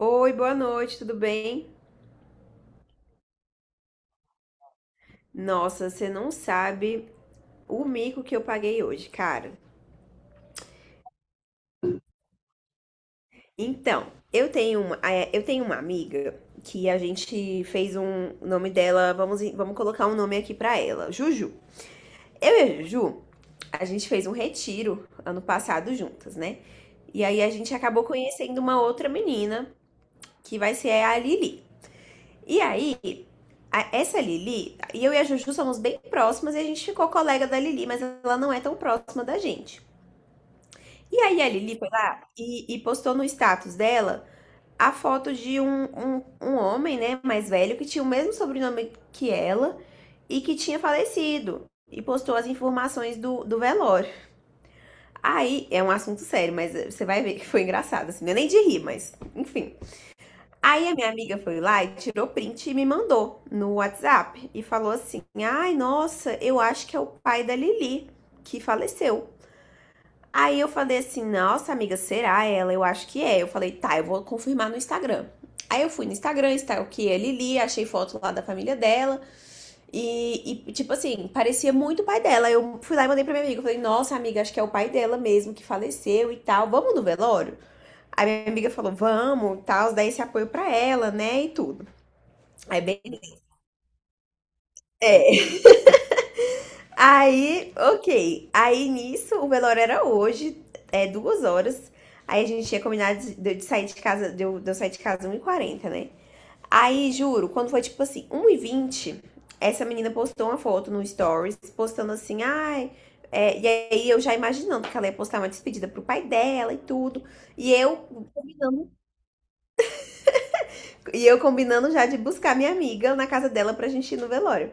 Oi, boa noite, tudo bem? Nossa, você não sabe o mico que eu paguei hoje, cara. Então, eu tenho uma amiga que a gente fez um o nome dela, vamos colocar um nome aqui pra ela, Juju. Eu e a Juju, a gente fez um retiro ano passado juntas, né? E aí a gente acabou conhecendo uma outra menina, que vai ser a Lili. E aí, essa Lili, e eu e a Juju somos bem próximas e a gente ficou colega da Lili, mas ela não é tão próxima da gente. E aí a Lili foi lá e postou no status dela a foto de um homem, né, mais velho, que tinha o mesmo sobrenome que ela e que tinha falecido. E postou as informações do velório. Aí é um assunto sério, mas você vai ver que foi engraçado, assim, não é nem de rir, mas enfim. Aí a minha amiga foi lá e tirou print e me mandou no WhatsApp e falou assim: "Ai, nossa, eu acho que é o pai da Lili que faleceu". Aí eu falei assim: "Nossa, amiga, será ela? Eu acho que é". Eu falei: "Tá, eu vou confirmar no Instagram". Aí eu fui no Instagram, está o que é Lili, achei foto lá da família dela. Tipo assim, parecia muito o pai dela. Eu fui lá e mandei pra minha amiga. Eu falei, nossa, amiga, acho que é o pai dela mesmo que faleceu e tal. Vamos no velório? Aí minha amiga falou, vamos, e tal, dá esse apoio pra ela, né? E tudo. Aí bem. É. Aí, ok. Aí nisso, o velório era hoje, é 2h. Aí a gente tinha combinado de sair de casa, de eu sair de casa 1 e quarenta, né? Aí, juro, quando foi tipo assim, 1 e vinte, essa menina postou uma foto no Stories, postando assim, ai. E aí eu já imaginando que ela ia postar uma despedida pro pai dela e tudo. E eu combinando, e eu combinando já de buscar minha amiga na casa dela pra gente ir no velório.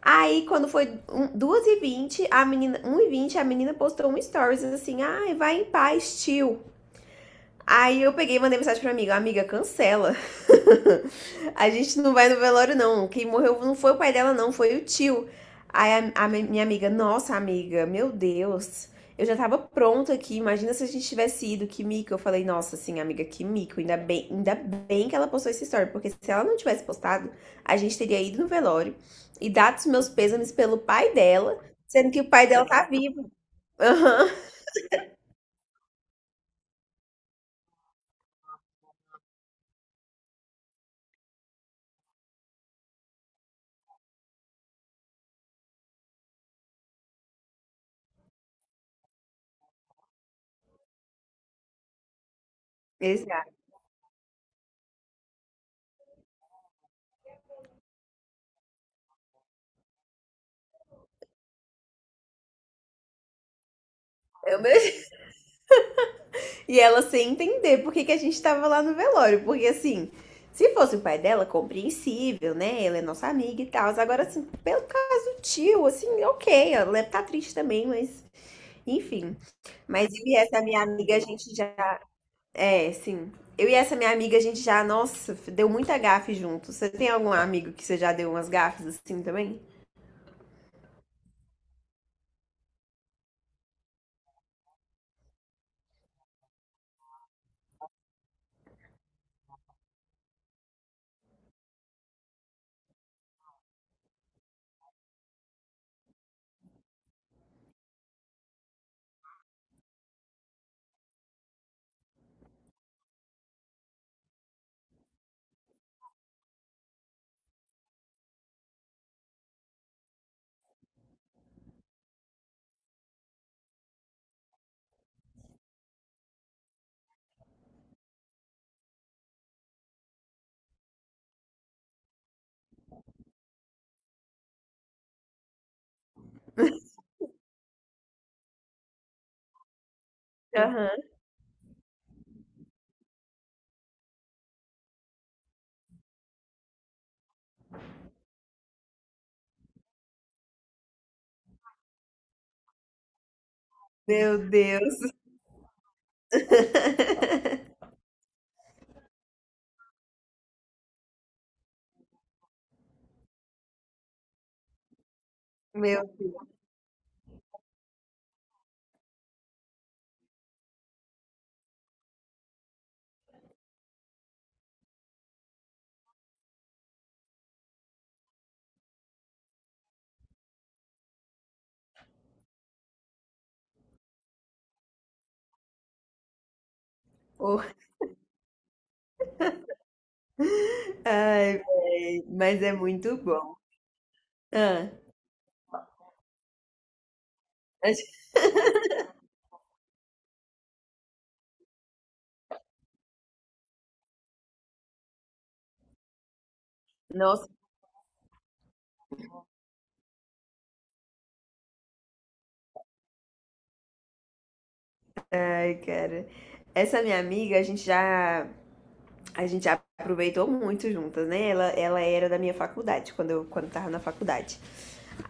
Aí, quando foi 2h20, a menina, 1 e vinte a menina postou um stories assim, ai, vai em paz, tio. Aí eu peguei e mandei mensagem pra amiga, amiga, cancela. A gente não vai no velório, não. Quem morreu não foi o pai dela, não, foi o tio. Aí minha amiga, nossa amiga, meu Deus, eu já tava pronta aqui. Imagina se a gente tivesse ido, que mico. Eu falei, nossa, sim, amiga, que mico. Ainda bem que ela postou essa história, porque se ela não tivesse postado, a gente teria ido no velório e dado os meus pêsames pelo pai dela, sendo que o pai dela tá vivo. Aham. Exato. É o meu E ela sem entender por que, que a gente tava lá no velório. Porque assim, se fosse o pai dela, compreensível, né? Ela é nossa amiga e tal. Agora, assim, pelo caso do tio, assim, ok, ela deve tá triste também, mas enfim. Mas eu e essa minha amiga, a gente já. É, sim. Eu e essa minha amiga, a gente já, nossa, deu muita gafe junto. Você tem algum amigo que você já deu umas gafes assim também? Aham. Meu Deus. Meu Deus. Ai, véi, mas é muito bom. Ah, acho- nossa, ai, cara. Essa minha amiga, a gente já aproveitou muito juntas, né? Ela era da minha faculdade, quando eu tava na faculdade.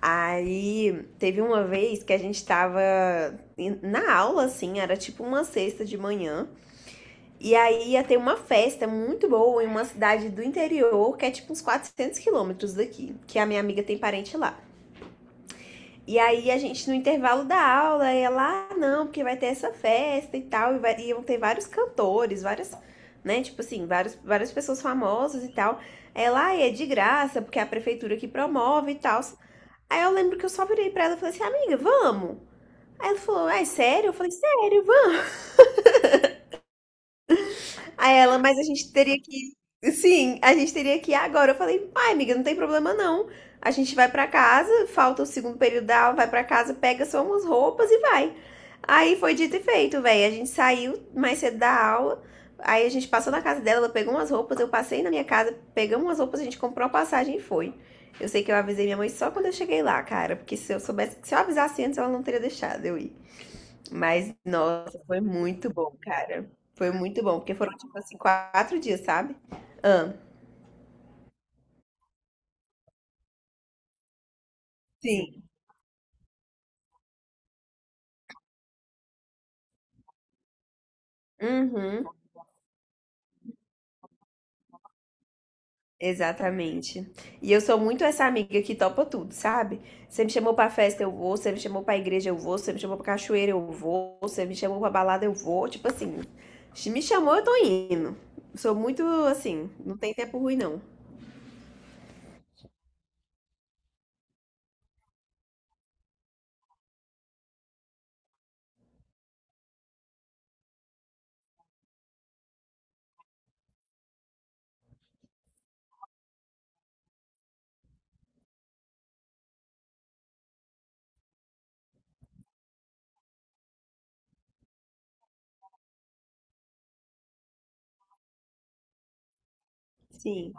Aí, teve uma vez que a gente tava na aula, assim, era tipo uma sexta de manhã. E aí ia ter uma festa muito boa em uma cidade do interior, que é tipo uns 400 km daqui, que a minha amiga tem parente lá. E aí a gente, no intervalo da aula, ela, ah, não, porque vai ter essa festa e tal, e vai, e iam ter vários cantores, várias, né, tipo assim, vários, várias pessoas famosas e tal. Ela, ah, é de graça, porque é a prefeitura que promove e tal. Aí eu lembro que eu só virei pra ela e falei assim, amiga, vamos? Aí ela falou, ah, é sério? Eu falei, sério, vamos. Aí ela, mas a gente teria que. Sim, a gente teria que ir agora. Eu falei, ai, amiga, não tem problema, não. A gente vai pra casa, falta o segundo período da aula, vai pra casa, pega só umas roupas e vai. Aí foi dito e feito, velho. A gente saiu mais cedo da aula. Aí a gente passou na casa dela, ela pegou umas roupas, eu passei na minha casa, pegamos umas roupas, a gente comprou a passagem e foi. Eu sei que eu avisei minha mãe só quando eu cheguei lá, cara, porque se eu soubesse, se eu avisasse antes, ela não teria deixado eu ir. Mas, nossa, foi muito bom, cara. Foi muito bom, porque foram, tipo assim, 4 dias, sabe? Ah, sim. Uhum, exatamente. E eu sou muito essa amiga que topa tudo, sabe? Você me chamou pra festa, eu vou. Você me chamou pra igreja, eu vou. Você me chamou pra cachoeira, eu vou. Você me chamou pra balada, eu vou. Tipo assim, se me chamou, eu tô indo. Sou muito, assim, não tem tempo ruim, não. Sim.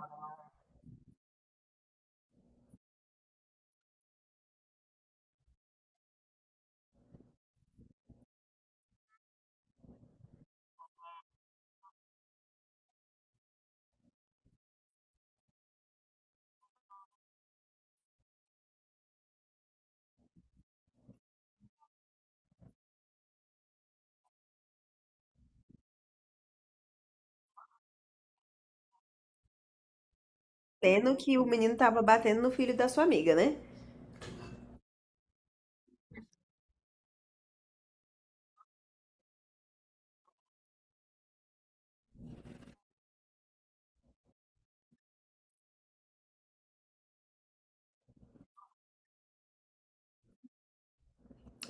Pena que o menino tava batendo no filho da sua amiga, né?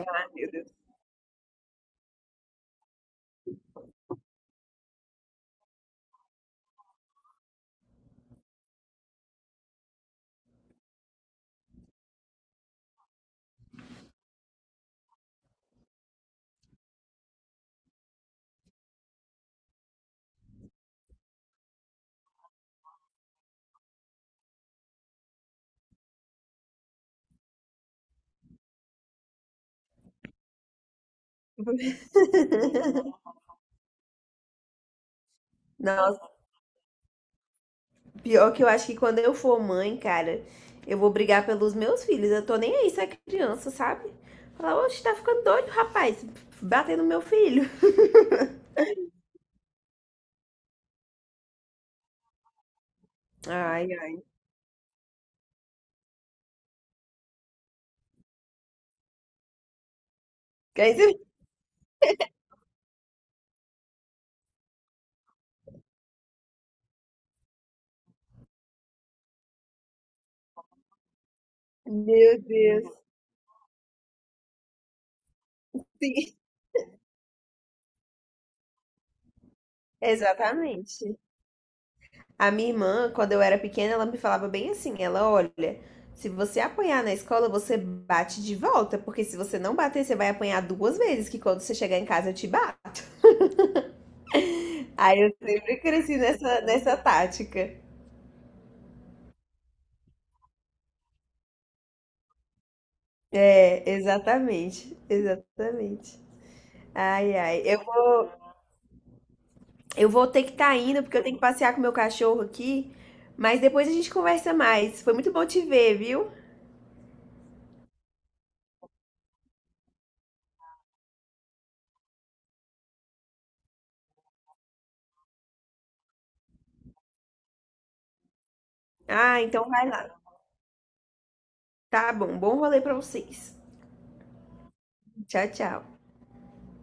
Ai, meu Deus. Não, pior que eu acho que quando eu for mãe, cara, eu vou brigar pelos meus filhos. Eu tô nem aí se é criança, sabe? Falar, oxe, tá ficando doido, rapaz. Bater no meu filho. Ai, ai. Quer dizer- Meu Deus. Sim, exatamente. A minha irmã, quando eu era pequena, ela me falava bem assim: ela, olha, se você apanhar na escola, você bate de volta, porque se você não bater, você vai apanhar duas vezes, que quando você chegar em casa eu te bato. Aí eu sempre cresci nessa tática. É, exatamente, exatamente. Ai, ai. Eu vou ter que estar indo, porque eu tenho que passear com meu cachorro aqui. Mas depois a gente conversa mais. Foi muito bom te ver, viu? Ah, então vai lá. Tá bom. Bom rolê pra vocês. Tchau, tchau.